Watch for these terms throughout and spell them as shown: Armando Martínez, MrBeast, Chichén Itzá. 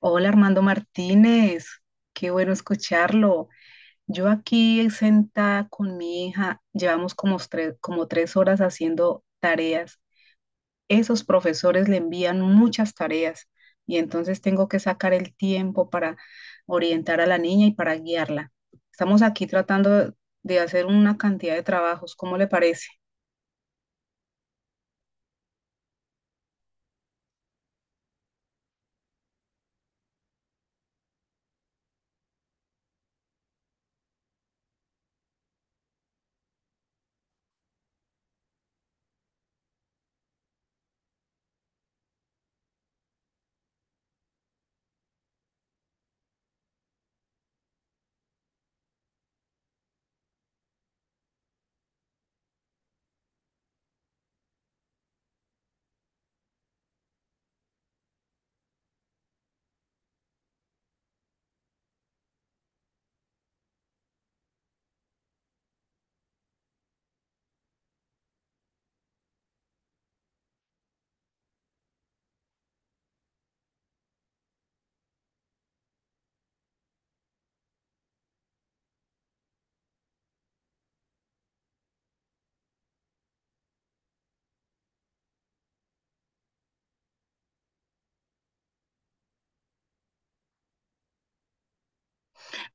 Hola Armando Martínez, qué bueno escucharlo. Yo aquí sentada con mi hija, llevamos como tres horas haciendo tareas. Esos profesores le envían muchas tareas y entonces tengo que sacar el tiempo para orientar a la niña y para guiarla. Estamos aquí tratando de hacer una cantidad de trabajos, ¿cómo le parece?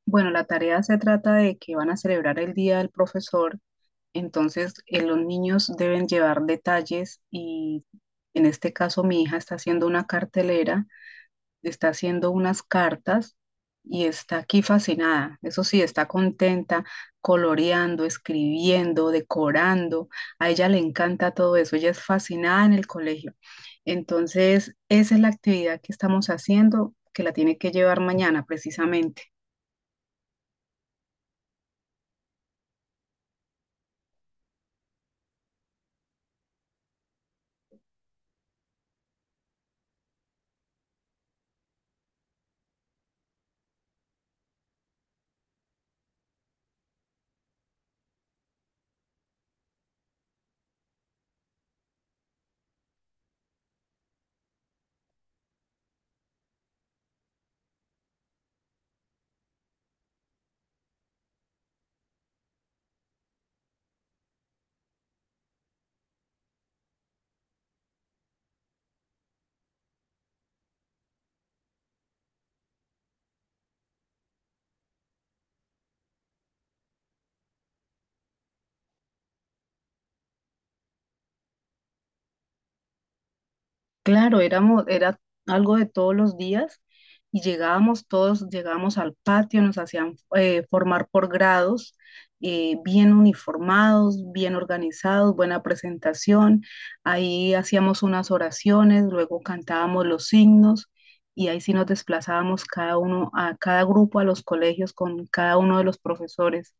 Bueno, la tarea se trata de que van a celebrar el Día del Profesor. Entonces, los niños deben llevar detalles y, en este caso, mi hija está haciendo una cartelera, está haciendo unas cartas y está aquí fascinada. Eso sí, está contenta, coloreando, escribiendo, decorando. A ella le encanta todo eso. Ella es fascinada en el colegio. Entonces, esa es la actividad que estamos haciendo, que la tiene que llevar mañana precisamente. Claro, éramos, era algo de todos los días y llegábamos todos, llegábamos al patio, nos hacían formar por grados, bien uniformados, bien organizados, buena presentación. Ahí hacíamos unas oraciones, luego cantábamos los signos y ahí sí nos desplazábamos cada uno, a cada grupo, a los colegios con cada uno de los profesores.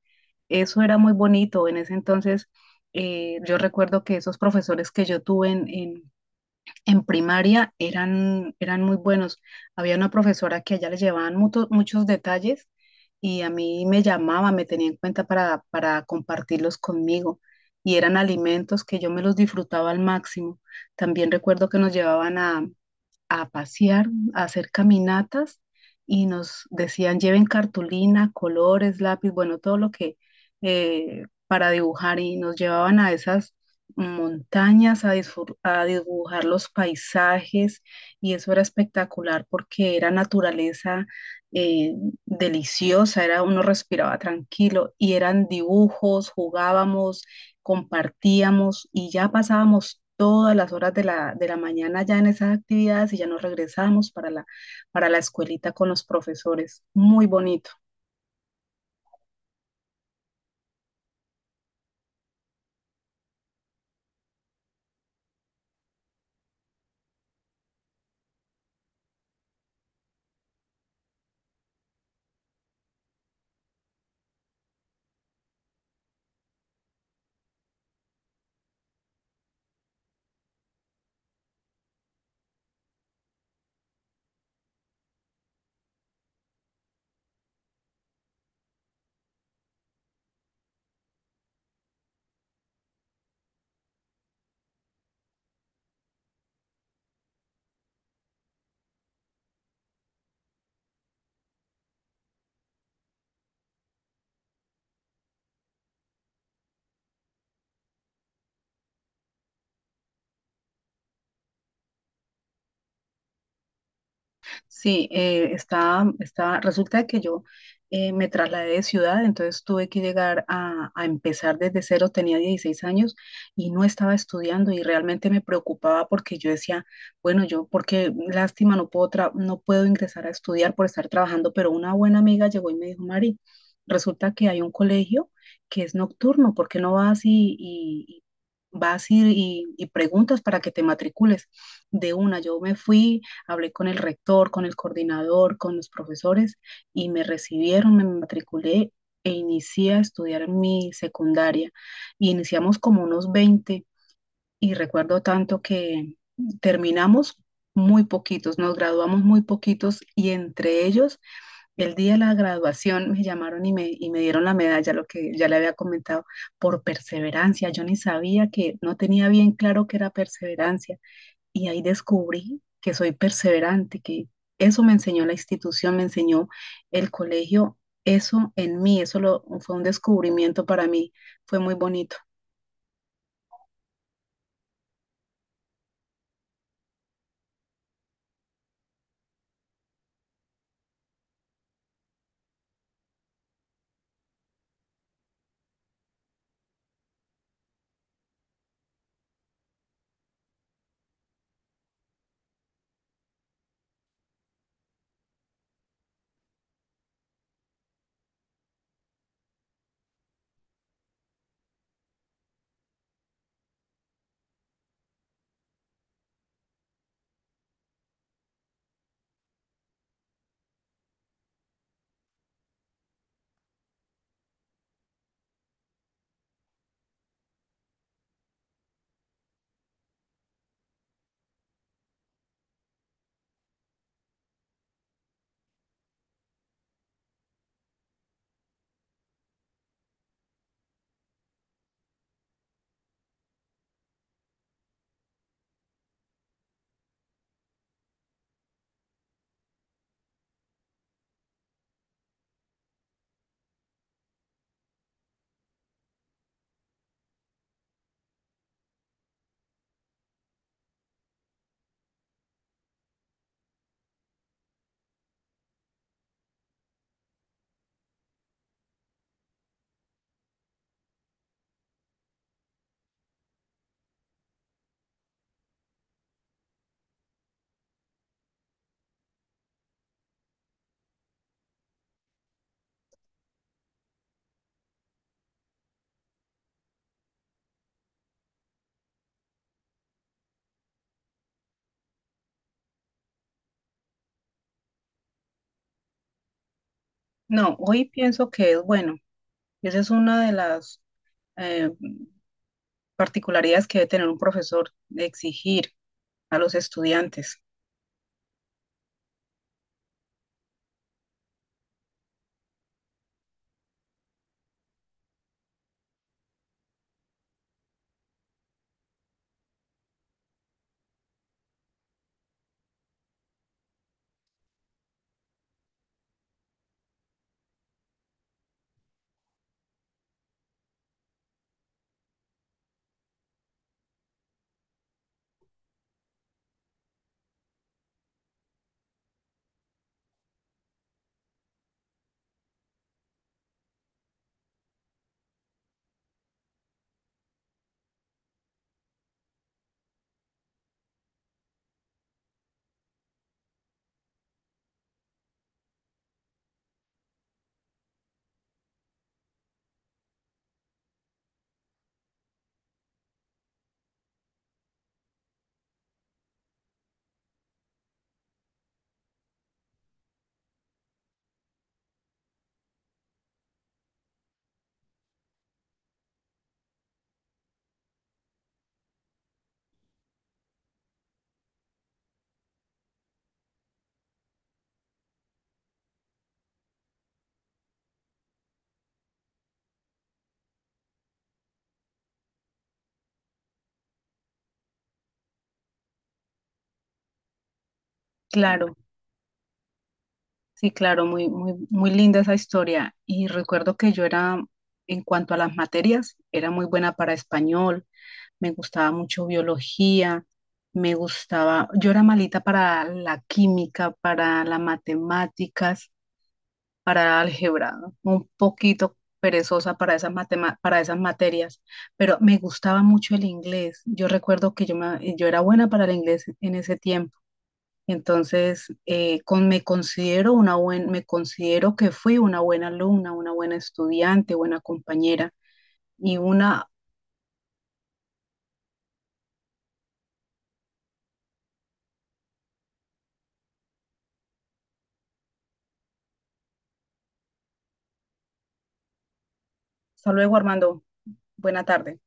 Eso era muy bonito. En ese entonces, yo recuerdo que esos profesores que yo tuve en primaria eran muy buenos. Había una profesora que a ella le llevaban muchos detalles y a mí me llamaba, me tenía en cuenta para compartirlos conmigo. Y eran alimentos que yo me los disfrutaba al máximo. También recuerdo que nos llevaban a pasear, a hacer caminatas y nos decían lleven cartulina, colores, lápiz, bueno, todo lo que para dibujar, y nos llevaban a esas montañas a a dibujar los paisajes, y eso era espectacular porque era naturaleza, eh, deliciosa, era, uno respiraba tranquilo, y eran dibujos, jugábamos, compartíamos y ya pasábamos todas las horas de la mañana ya en esas actividades y ya nos regresábamos para la escuelita con los profesores. Muy bonito. Sí, está. Resulta que yo, me trasladé de ciudad, entonces tuve que llegar a empezar desde cero, tenía 16 años y no estaba estudiando y realmente me preocupaba porque yo decía, bueno, yo, porque lástima, no puedo ingresar a estudiar por estar trabajando, pero una buena amiga llegó y me dijo, Mari, resulta que hay un colegio que es nocturno, ¿por qué no y vas y preguntas para que te matricules? De una, yo me fui. Hablé con el rector, con el coordinador, con los profesores y me recibieron, me matriculé e inicié a estudiar mi secundaria. Y iniciamos como unos 20 y recuerdo tanto que terminamos muy poquitos, nos graduamos muy poquitos y, entre ellos, el día de la graduación me llamaron y y me dieron la medalla, lo que ya le había comentado, por perseverancia. Yo ni sabía que, no tenía bien claro que era perseverancia y ahí descubrí que soy perseverante, que eso me enseñó la institución, me enseñó el colegio, eso en mí, fue un descubrimiento para mí, fue muy bonito. No, hoy pienso que es bueno. Y esa es una de las eh, particularidades que debe tener un profesor, de exigir a los estudiantes. Claro, sí, claro, muy, muy, muy linda esa historia. Y recuerdo que yo era, en cuanto a las materias, era muy buena para español, me gustaba mucho biología, me gustaba, yo era malita para la química, para las matemáticas, para álgebra, ¿no? Un poquito perezosa para esas para esas materias, pero me gustaba mucho el inglés. Yo recuerdo que yo era buena para el inglés en ese tiempo. Entonces, me considero que fui una buena alumna, una buena estudiante, buena compañera y una, hasta luego, Armando, buena tarde.